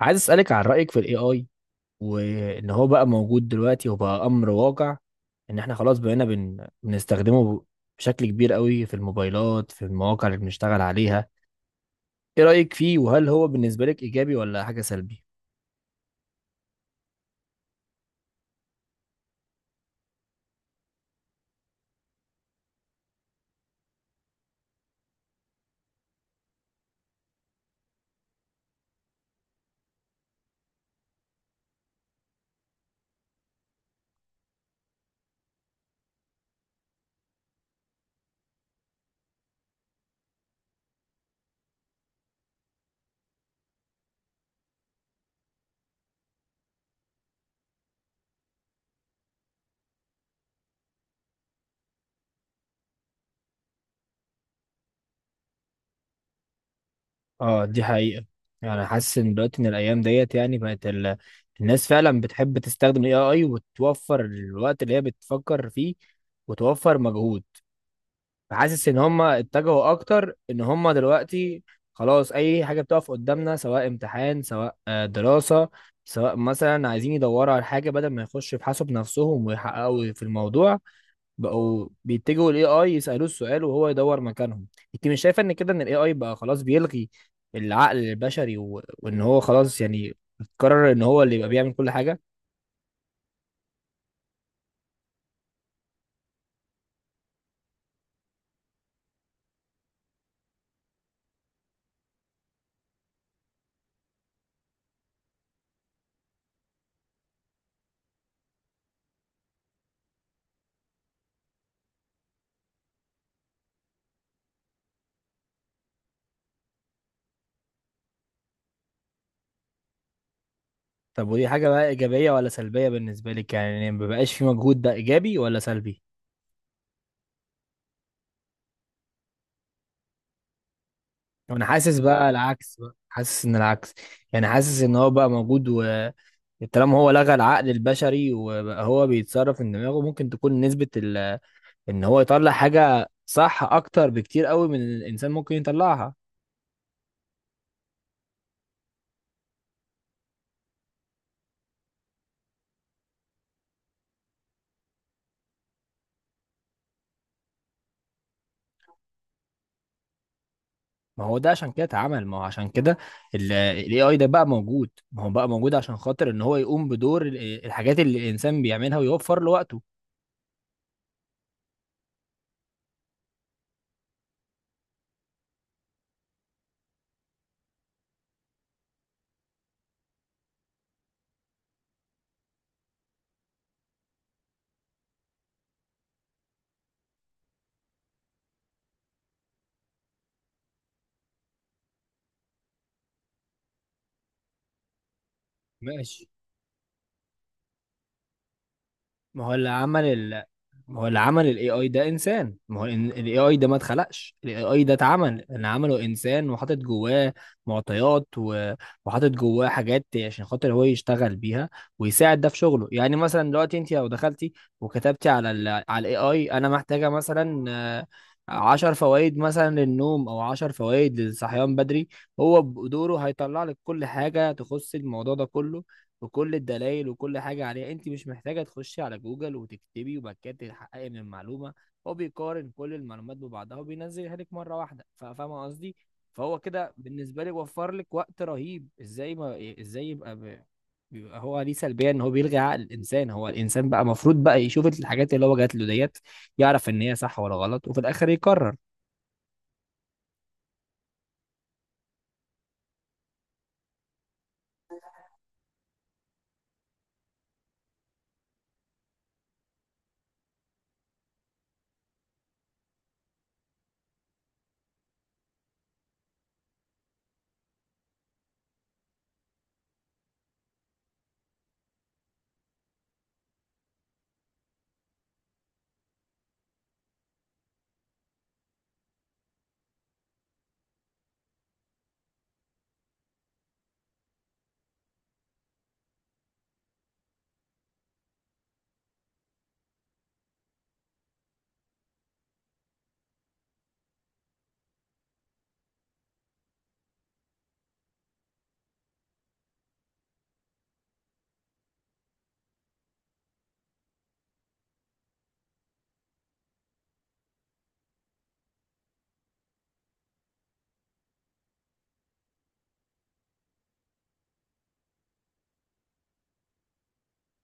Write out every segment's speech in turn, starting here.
عايز اسالك عن رايك في الاي اي وان هو بقى موجود دلوقتي وبقى امر واقع، ان احنا خلاص بقينا بنستخدمه بشكل كبير قوي في الموبايلات، في المواقع اللي بنشتغل عليها. ايه رايك فيه وهل هو بالنسبه لك ايجابي ولا حاجه سلبي؟ اه، دي حقيقه. يعني حاسس ان دلوقتي ان الايام ديت يعني بقت الناس فعلا بتحب تستخدم الاي اي وتوفر الوقت اللي هي بتفكر فيه وتوفر مجهود. فحاسس ان هم اتجهوا اكتر ان هم دلوقتي خلاص اي حاجه بتقف قدامنا، سواء امتحان، سواء دراسه، سواء مثلا عايزين يدوروا على حاجه بدل ما يخشوا يبحثوا بنفسهم ويحققوا في الموضوع، بقوا بيتجهوا للاي اي يسالوه السؤال وهو يدور مكانهم. انت مش شايفه ان كده ان الاي اي بقى خلاص بيلغي العقل البشري وان هو خلاص يعني قرر ان هو اللي يبقى بيعمل كل حاجه؟ طب ودي حاجه بقى ايجابيه ولا سلبيه بالنسبه لك؟ يعني ما بقاش في مجهود، ده ايجابي ولا سلبي؟ انا حاسس بقى العكس، بقى حاسس ان العكس. يعني حاسس ان هو بقى موجود و طالما هو لغى العقل البشري وبقى هو بيتصرف من دماغه، ممكن تكون نسبة ان هو يطلع حاجة صح اكتر بكتير قوي من اللي الانسان ممكن يطلعها. ما هو ده عشان كده اتعمل، ما هو عشان كده الاي اي ده بقى موجود، ما هو بقى موجود عشان خاطر ان هو يقوم بدور الحاجات اللي الانسان بيعملها ويوفر له وقته. ماشي. ما هو اللي عمل ما هو اللي عمل الاي اي ده انسان، ما هو الاي اي ده ما اتخلقش، الاي اي ده اتعمل اللي عمله انسان وحاطط جواه معطيات وحاطط جواه حاجات عشان خاطر هو يشتغل بيها ويساعد ده في شغله. يعني مثلا دلوقتي انت لو دخلتي وكتبتي على على الاي اي، انا محتاجه مثلا 10 فوائد مثلا للنوم او 10 فوائد للصحيان بدري، هو بدوره هيطلع لك كل حاجه تخص الموضوع ده كله بكل الدلائل وكل حاجة عليها. انت مش محتاجة تخشي على جوجل وتكتبي وبعد كده تتحققي من المعلومة، هو بيقارن كل المعلومات ببعضها وبينزلها لك مرة واحدة. فاهمة قصدي؟ فهو كده بالنسبة لي وفر لك وقت رهيب. ازاي ما ازاي يبقى بيبقى هو ليه سلبية؟ ان هو بيلغي عقل الانسان؟ هو الانسان بقى المفروض بقى يشوف الحاجات اللي هو جات له ديت، يعرف ان هي صح ولا غلط وفي الاخر يقرر.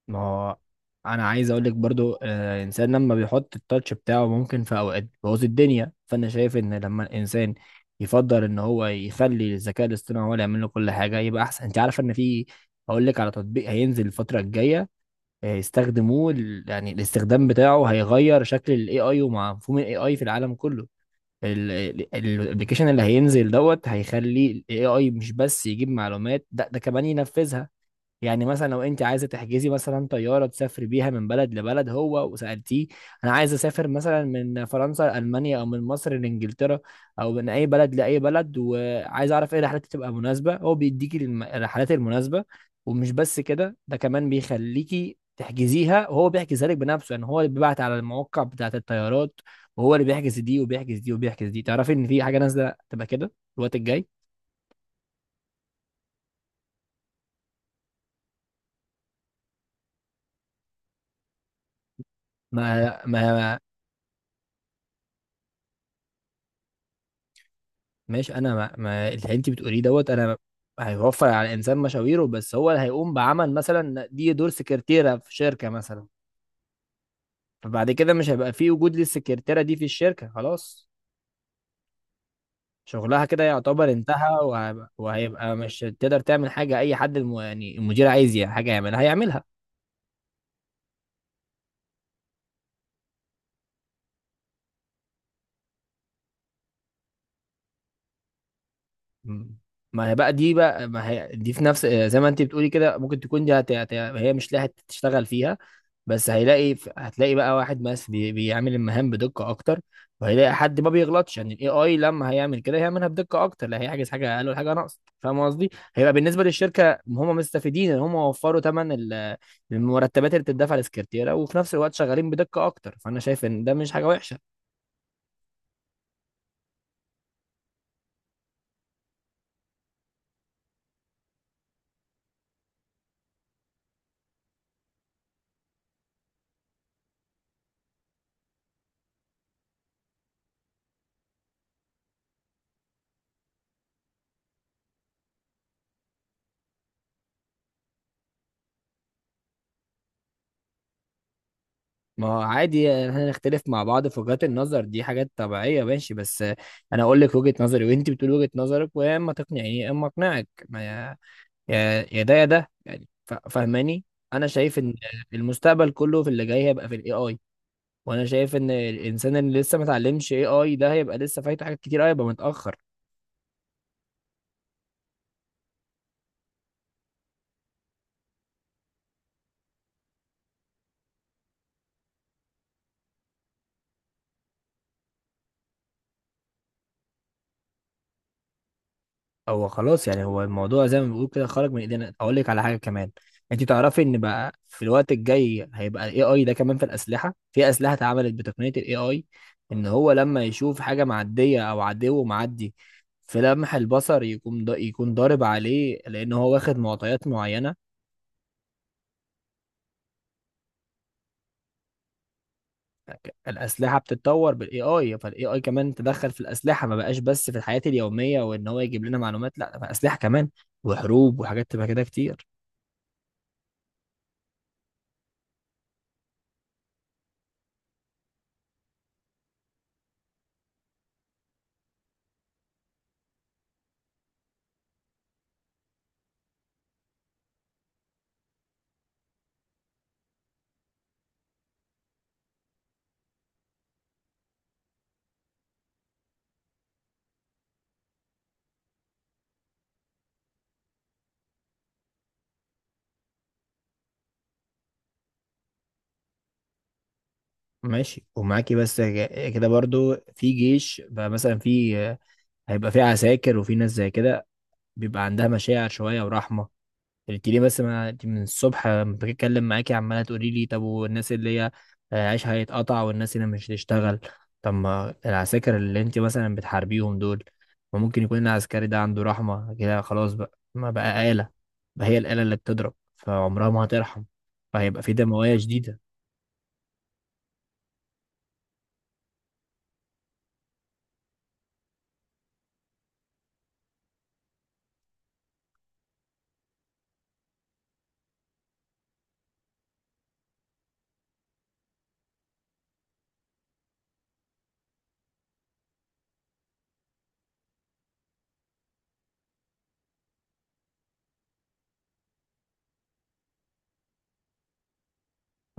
ما هو انا عايز اقول لك برضو، الانسان لما بيحط التاتش بتاعه ممكن في اوقات بيبوظ الدنيا. فانا شايف ان لما الانسان يفضل ان هو يخلي الذكاء الاصطناعي هو اللي يعمل له كل حاجه يبقى احسن. انت عارفه ان في، هقول لك على تطبيق هينزل الفتره الجايه، يستخدموه يعني الاستخدام بتاعه هيغير شكل الاي اي ومفهوم الاي اي في العالم كله. الابلكيشن اللي هينزل دوت هيخلي الاي اي مش بس يجيب معلومات، ده ده كمان ينفذها. يعني مثلا لو انت عايزه تحجزي مثلا طياره تسافري بيها من بلد لبلد، هو وسالتيه انا عايز اسافر مثلا من فرنسا لالمانيا او من مصر لانجلترا او من اي بلد لاي بلد وعايز اعرف ايه الرحلات اللي تبقى مناسبه، هو بيديكي الرحلات المناسبه. ومش بس كده، ده كمان بيخليكي تحجزيها وهو بيحجزها لك بنفسه. يعني هو اللي بيبعت على المواقع بتاعه الطيارات وهو اللي بيحجز دي وبيحجز دي وبيحجز دي. تعرفي ان في حاجه نازله تبقى كده الوقت الجاي. ما ما ماشي، انا ما اللي انت بتقوليه دوت انا هيوفر على الانسان مشاويره، بس هو اللي هيقوم بعمل مثلا دي دور سكرتيره في شركه مثلا، فبعد كده مش هيبقى في وجود للسكرتيره دي في الشركه. خلاص شغلها كده يعتبر انتهى. وهيبقى مش تقدر تعمل حاجه اي حد يعني المدير عايز حاجه يعملها هيعملها. م. ما هي بقى دي بقى، ما هي دي في نفس زي ما انت بتقولي كده، ممكن تكون دي هي مش لاقيه تشتغل فيها، بس هيلاقي، هتلاقي بقى واحد بس بيعمل المهام بدقة أكتر. وهيلاقي حد ما بيغلطش، يعني الاي اي لما هيعمل كده هيعملها بدقة أكتر، لا هيحجز حاجة أقل ولا حاجة ناقص. فاهم قصدي؟ هيبقى بالنسبة للشركة هم مستفيدين إن هم وفروا ثمن المرتبات اللي بتدفع للسكرتيرة، وفي نفس الوقت شغالين بدقة أكتر، فأنا شايف إن ده مش حاجة وحشة. ما هو عادي هنختلف مع بعض في وجهات النظر، دي حاجات طبيعية. ماشي، بس أنا أقول لك وجهة نظري وأنت بتقول وجهة نظرك، ويا إما تقنعني يا إما أقنعك. ما يا ده يا ده يعني فاهماني. انا شايف ان المستقبل كله في اللي جاي هيبقى في الاي اي، وانا شايف ان الانسان اللي لسه ما اتعلمش اي اي ده هيبقى لسه فايته حاجات كتير أوي، هيبقى متاخر. هو خلاص يعني هو الموضوع زي ما بيقول كده خرج من ايدينا. اقول لك على حاجه كمان، انت تعرفي ان بقى في الوقت الجاي هيبقى الاي اي ده كمان في الاسلحه. في اسلحه اتعملت بتقنيه الاي اي، ان هو لما يشوف حاجه معديه او عدو معدي في لمح البصر يكون دا يكون ضارب عليه، لان هو واخد معطيات معينه. الاسلحه بتتطور بالاي اي، فالاي اي كمان تدخل في الاسلحه، ما بقاش بس في الحياه اليوميه وان هو يجيب لنا معلومات، لا ده بقى اسلحه كمان وحروب وحاجات تبقى كده كتير. ماشي، ومعاكي بس كده برضو في جيش بقى مثلا، في، هيبقى في عساكر وفي ناس زي كده بيبقى عندها مشاعر شويه ورحمه. قلت لي بس ما أنت من الصبح لما بتكلم معاكي عماله تقولي لي طب والناس اللي هي عيشها هيتقطع والناس اللي مش هتشتغل. طب ما العساكر اللي انت مثلا بتحاربيهم دول، ما ممكن يكون العسكري ده عنده رحمه؟ كده خلاص بقى ما بقى آلة، بقى هي الآلة اللي بتضرب فعمرها ما هترحم، فهيبقى في دمويه شديده.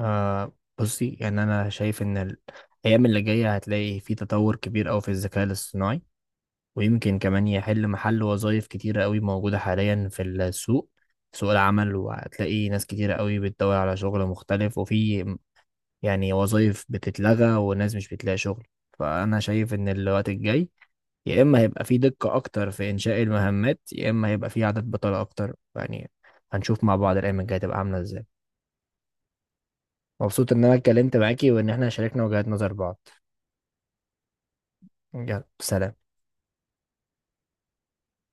آه، بصي، يعني انا شايف ان الايام اللي جايه هتلاقي في تطور كبير قوي في الذكاء الاصطناعي، ويمكن كمان يحل محل وظائف كتيرة قوي موجودة حاليا في السوق، سوق العمل، وهتلاقي ناس كتيرة قوي بتدور على شغل مختلف، وفي يعني وظائف بتتلغى وناس مش بتلاقي شغل. فأنا شايف إن الوقت الجاي يا إما هيبقى في دقة أكتر في إنشاء المهمات، يا إما هيبقى في عدد بطالة أكتر. يعني هنشوف مع بعض الأيام الجاية تبقى عاملة إزاي. مبسوط إن أنا اتكلمت معاكي وإن إحنا شاركنا وجهات نظر بعض. يلا، سلام.